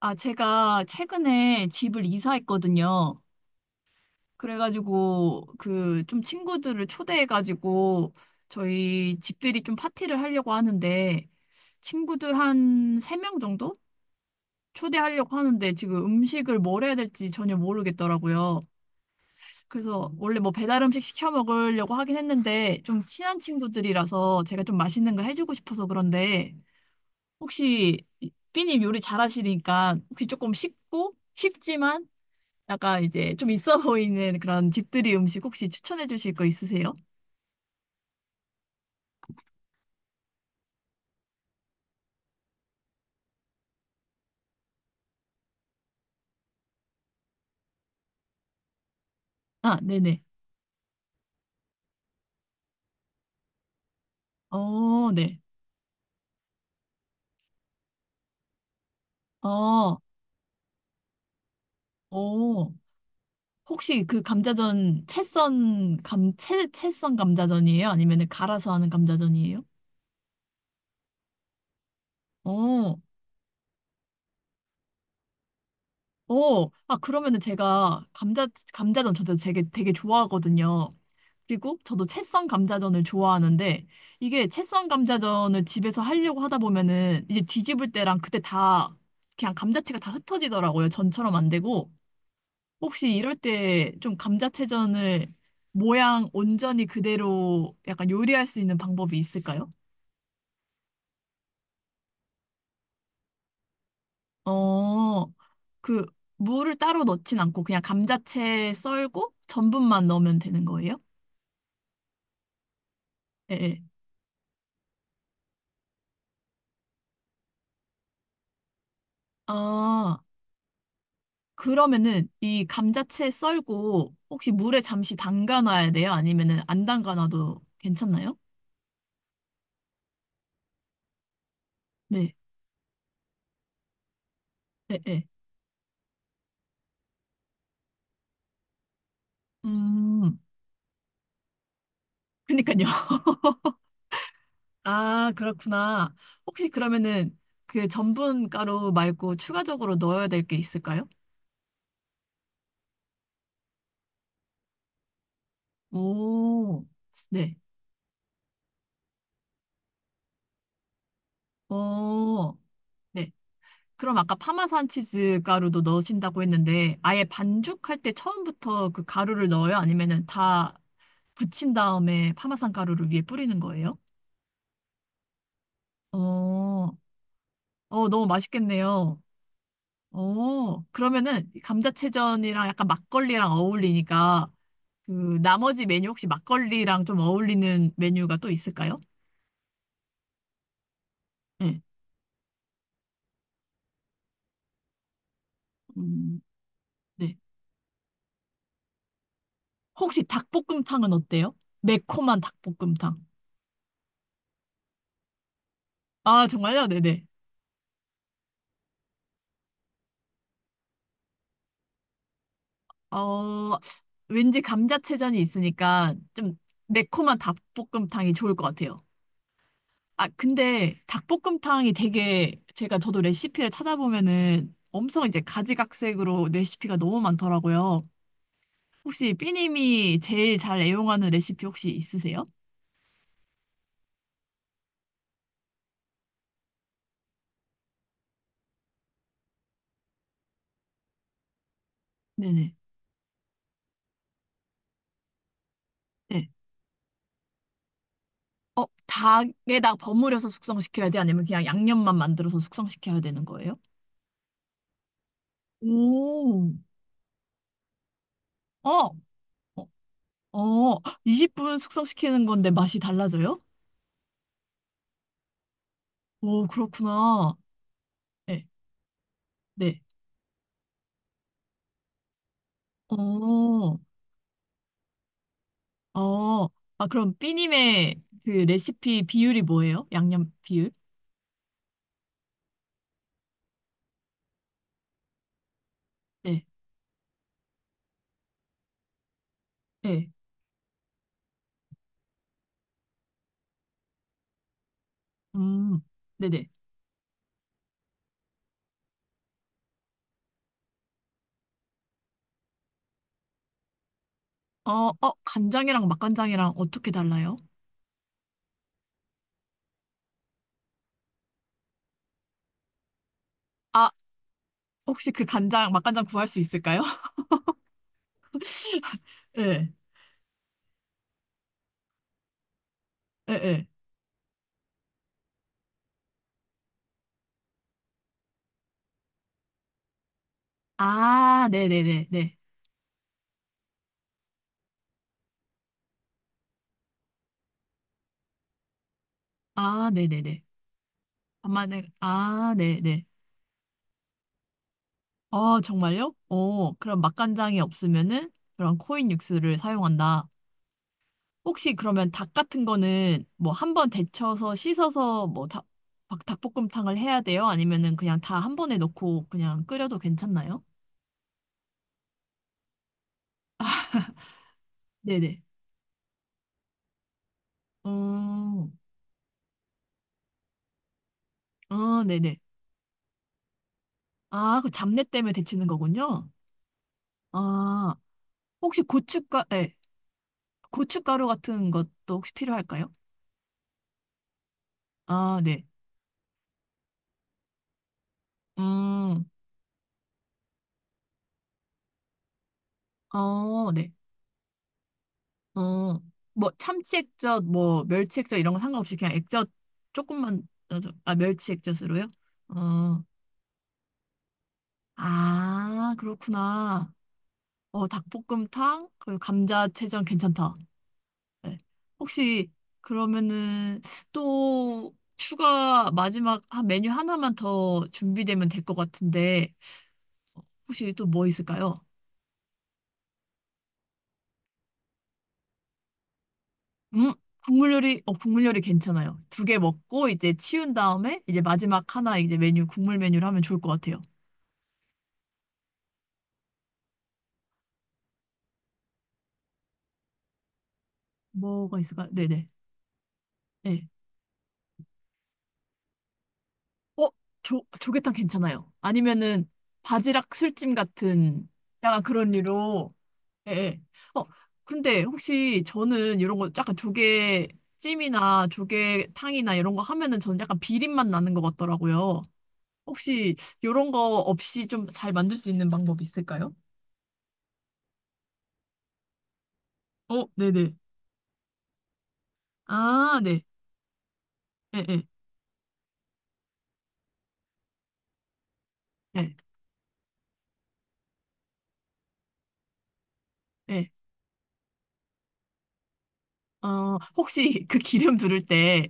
아, 제가 최근에 집을 이사했거든요. 그래가지고, 좀 친구들을 초대해가지고, 저희 집들이 좀 파티를 하려고 하는데, 친구들 한 3명 정도? 초대하려고 하는데, 지금 음식을 뭘 해야 될지 전혀 모르겠더라고요. 그래서, 원래 뭐 배달 음식 시켜 먹으려고 하긴 했는데, 좀 친한 친구들이라서 제가 좀 맛있는 거 해주고 싶어서 그런데, 혹시, 삐님 요리 잘하시니까, 혹시 조금 쉽고, 쉽지만, 약간 이제 좀 있어 보이는 그런 집들이 음식 혹시 추천해 주실 거 있으세요? 아, 네네. 어, 네. 어, 오 혹시 그 감자전 채썬 채썬 감자전이에요? 아니면은 갈아서 하는 감자전이에요? 어, 오 아, 그러면은 제가 감자전 저도 되게, 되게 좋아하거든요. 그리고 저도 채썬 감자전을 좋아하는데 이게 채썬 감자전을 집에서 하려고 하다 보면은 이제 뒤집을 때랑 그때 다 그냥 감자채가 다 흩어지더라고요. 전처럼 안 되고 혹시 이럴 때 좀 감자채전을 모양 온전히 그대로 약간 요리할 수 있는 방법이 있을까요? 어, 그 물을 따로 넣진 않고 그냥 감자채 썰고 전분만 넣으면 되는 거예요? 예. 예. 아. 그러면은 이 감자채 썰고 혹시 물에 잠시 담가 놔야 돼요? 아니면은 안 담가 놔도 괜찮나요? 네. 네, 네. 음. 그니까요. 아, 그렇구나. 혹시 그러면은 그 전분 가루 말고 추가적으로 넣어야 될 게 있을까요? 오. 네. 오. 네. 그럼 아까 파마산 치즈 가루도 넣으신다고 했는데 아예 반죽할 때 처음부터 그 가루를 넣어요? 아니면은 다 굳힌 다음에 파마산 가루를 위에 뿌리는 거예요? 어, 어, 너무 맛있겠네요. 어, 그러면은 감자채전이랑 약간 막걸리랑 어울리니까 그 나머지 메뉴 혹시 막걸리랑 좀 어울리는 메뉴가 또 있을까요? 네. 음, 네. 혹시 닭볶음탕은 어때요? 매콤한 닭볶음탕. 아, 정말요? 네네. 어, 왠지 감자채전이 있으니까 좀 매콤한 닭볶음탕이 좋을 것 같아요. 아, 근데 닭볶음탕이 되게 제가 저도 레시피를 찾아보면은 엄청 이제 가지각색으로 레시피가 너무 많더라고요. 혹시 삐님이 제일 잘 애용하는 레시피 혹시 있으세요? 네네. 네. 어, 닭에다 버무려서 숙성시켜야 돼? 아니면 그냥 양념만 만들어서 숙성시켜야 되는 거예요? 오, 어, 어, 어, 20분 숙성시키는 건데 맛이 달라져요? 오, 그렇구나. 네, 네. 어, 어, 아, 그럼 삐님의 그 레시피 비율이 뭐예요? 양념 비율? 네, 네, 음, 네네. 어, 어, 간장이랑 맛간장이랑 어떻게 달라요? 아, 혹시 그 간장, 맛간장 구할 수 있을까요? 네, 네, 네. 아, 네네네, 네. 아, 네네네. 아만에 아, 네네. 어, 정말요? 어, 그럼 맛간장이 없으면은 그런 코인 육수를 사용한다. 혹시 그러면 닭 같은 거는 뭐 한 번 데쳐서 씻어서 뭐 닭, 막 닭볶음탕을 해야 돼요? 아니면은 그냥 다 한 번에 넣고 그냥 끓여도 괜찮나요? 네네. 음, 아, 네네. 아, 그 잡내 때문에 데치는 거군요. 아, 혹시 고춧가, 네, 고춧가루 같은 것도 혹시 필요할까요? 아, 네. 음, 어, 네. 어, 뭐 참치액젓, 뭐 멸치액젓 이런 거 상관없이 그냥 액젓 조금만, 넣어줘. 아, 멸치액젓으로요? 어. 아, 그렇구나. 어, 닭볶음탕, 그리고 감자채전 괜찮다. 네. 혹시 그러면은 또 추가 마지막 한 메뉴 하나만 더 준비되면 될 것 같은데 혹시 또 뭐 있을까요? 음, 국물 요리, 어, 국물 요리 괜찮아요. 2개 먹고 이제 치운 다음에 이제 마지막 하나 이제 메뉴, 국물 메뉴를 하면 좋을 것 같아요. 뭐가 있을까요? 네네. 네. 어? 조, 조개탕 괜찮아요. 아니면은 바지락 술찜 같은 약간 그런 류로. 예. 예. 어, 근데 혹시 저는 이런 거 약간 조개찜이나 조개탕이나 이런 거 하면은 저는 약간 비린맛 나는 것 같더라고요. 혹시 이런 거 없이 좀 잘 만들 수 있는 방법 있을까요? 어, 네네. 아, 네. 예, 예, 예, 예. 어, 혹시 그 기름 두를 때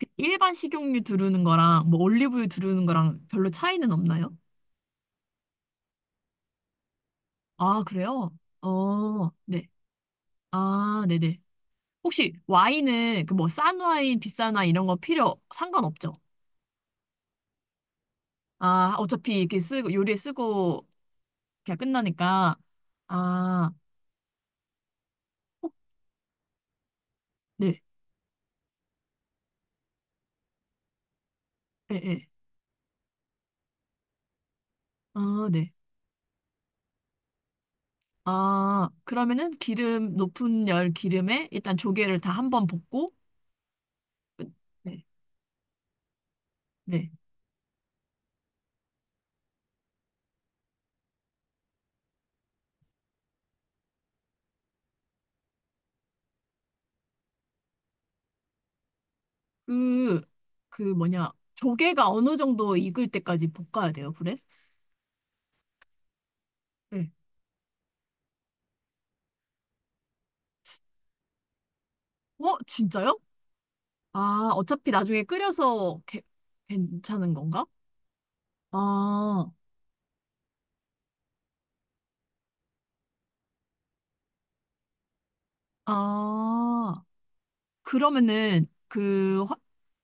그 일반 식용유 두르는 거랑 뭐 올리브유 두르는 거랑 별로 차이는 없나요? 아, 그래요? 어, 네. 아, 네네. 혹시 와인은 그 뭐 싼 와인, 비싼 와인 이런 거 필요 상관없죠? 아, 어차피 이렇게 쓰고 요리에 쓰고 그냥 끝나니까. 아, 혹 네. 예, 예. 아, 네. 아, 그러면은 기름 높은 열 기름에 일단 조개를 다 한번 볶고 끝. 네. 네. 그 그 뭐냐? 조개가 어느 정도 익을 때까지 볶아야 돼요, 불에? 네. 어, 진짜요? 아, 어차피 나중에 끓여서 괜찮은 건가? 아, 아. 그러면은 그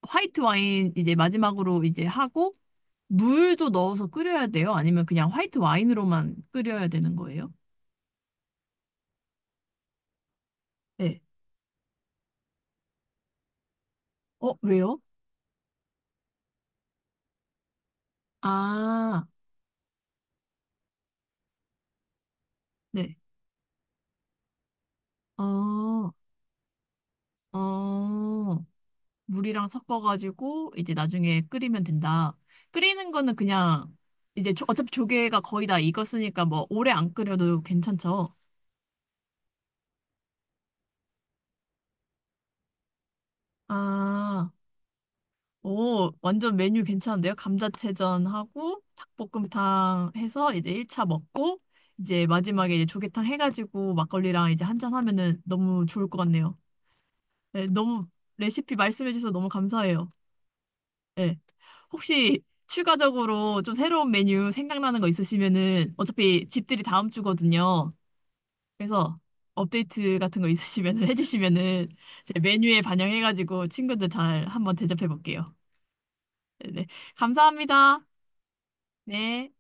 화이트 와인 이제 마지막으로 이제 하고 물도 넣어서 끓여야 돼요? 아니면 그냥 화이트 와인으로만 끓여야 되는 거예요? 네. 어, 왜요? 아, 네. 어, 어. 물이랑 섞어가지고 이제 나중에 끓이면 된다. 끓이는 거는 그냥 이제 어차피 조개가 거의 다 익었으니까 뭐 오래 안 끓여도 괜찮죠? 아, 오, 완전 메뉴 괜찮은데요? 감자채전하고 닭볶음탕 해서 이제 1차 먹고 이제 마지막에 이제 조개탕 해가지고 막걸리랑 이제 한잔 하면은 너무 좋을 것 같네요. 네, 너무 레시피 말씀해주셔서 너무 감사해요. 네. 혹시 추가적으로 좀 새로운 메뉴 생각나는 거 있으시면은 어차피 집들이 다음 주거든요. 그래서 업데이트 같은 거 있으시면은 해주시면은 제 메뉴에 반영해가지고 친구들 잘 한번 대접해 볼게요. 네. 감사합니다. 네.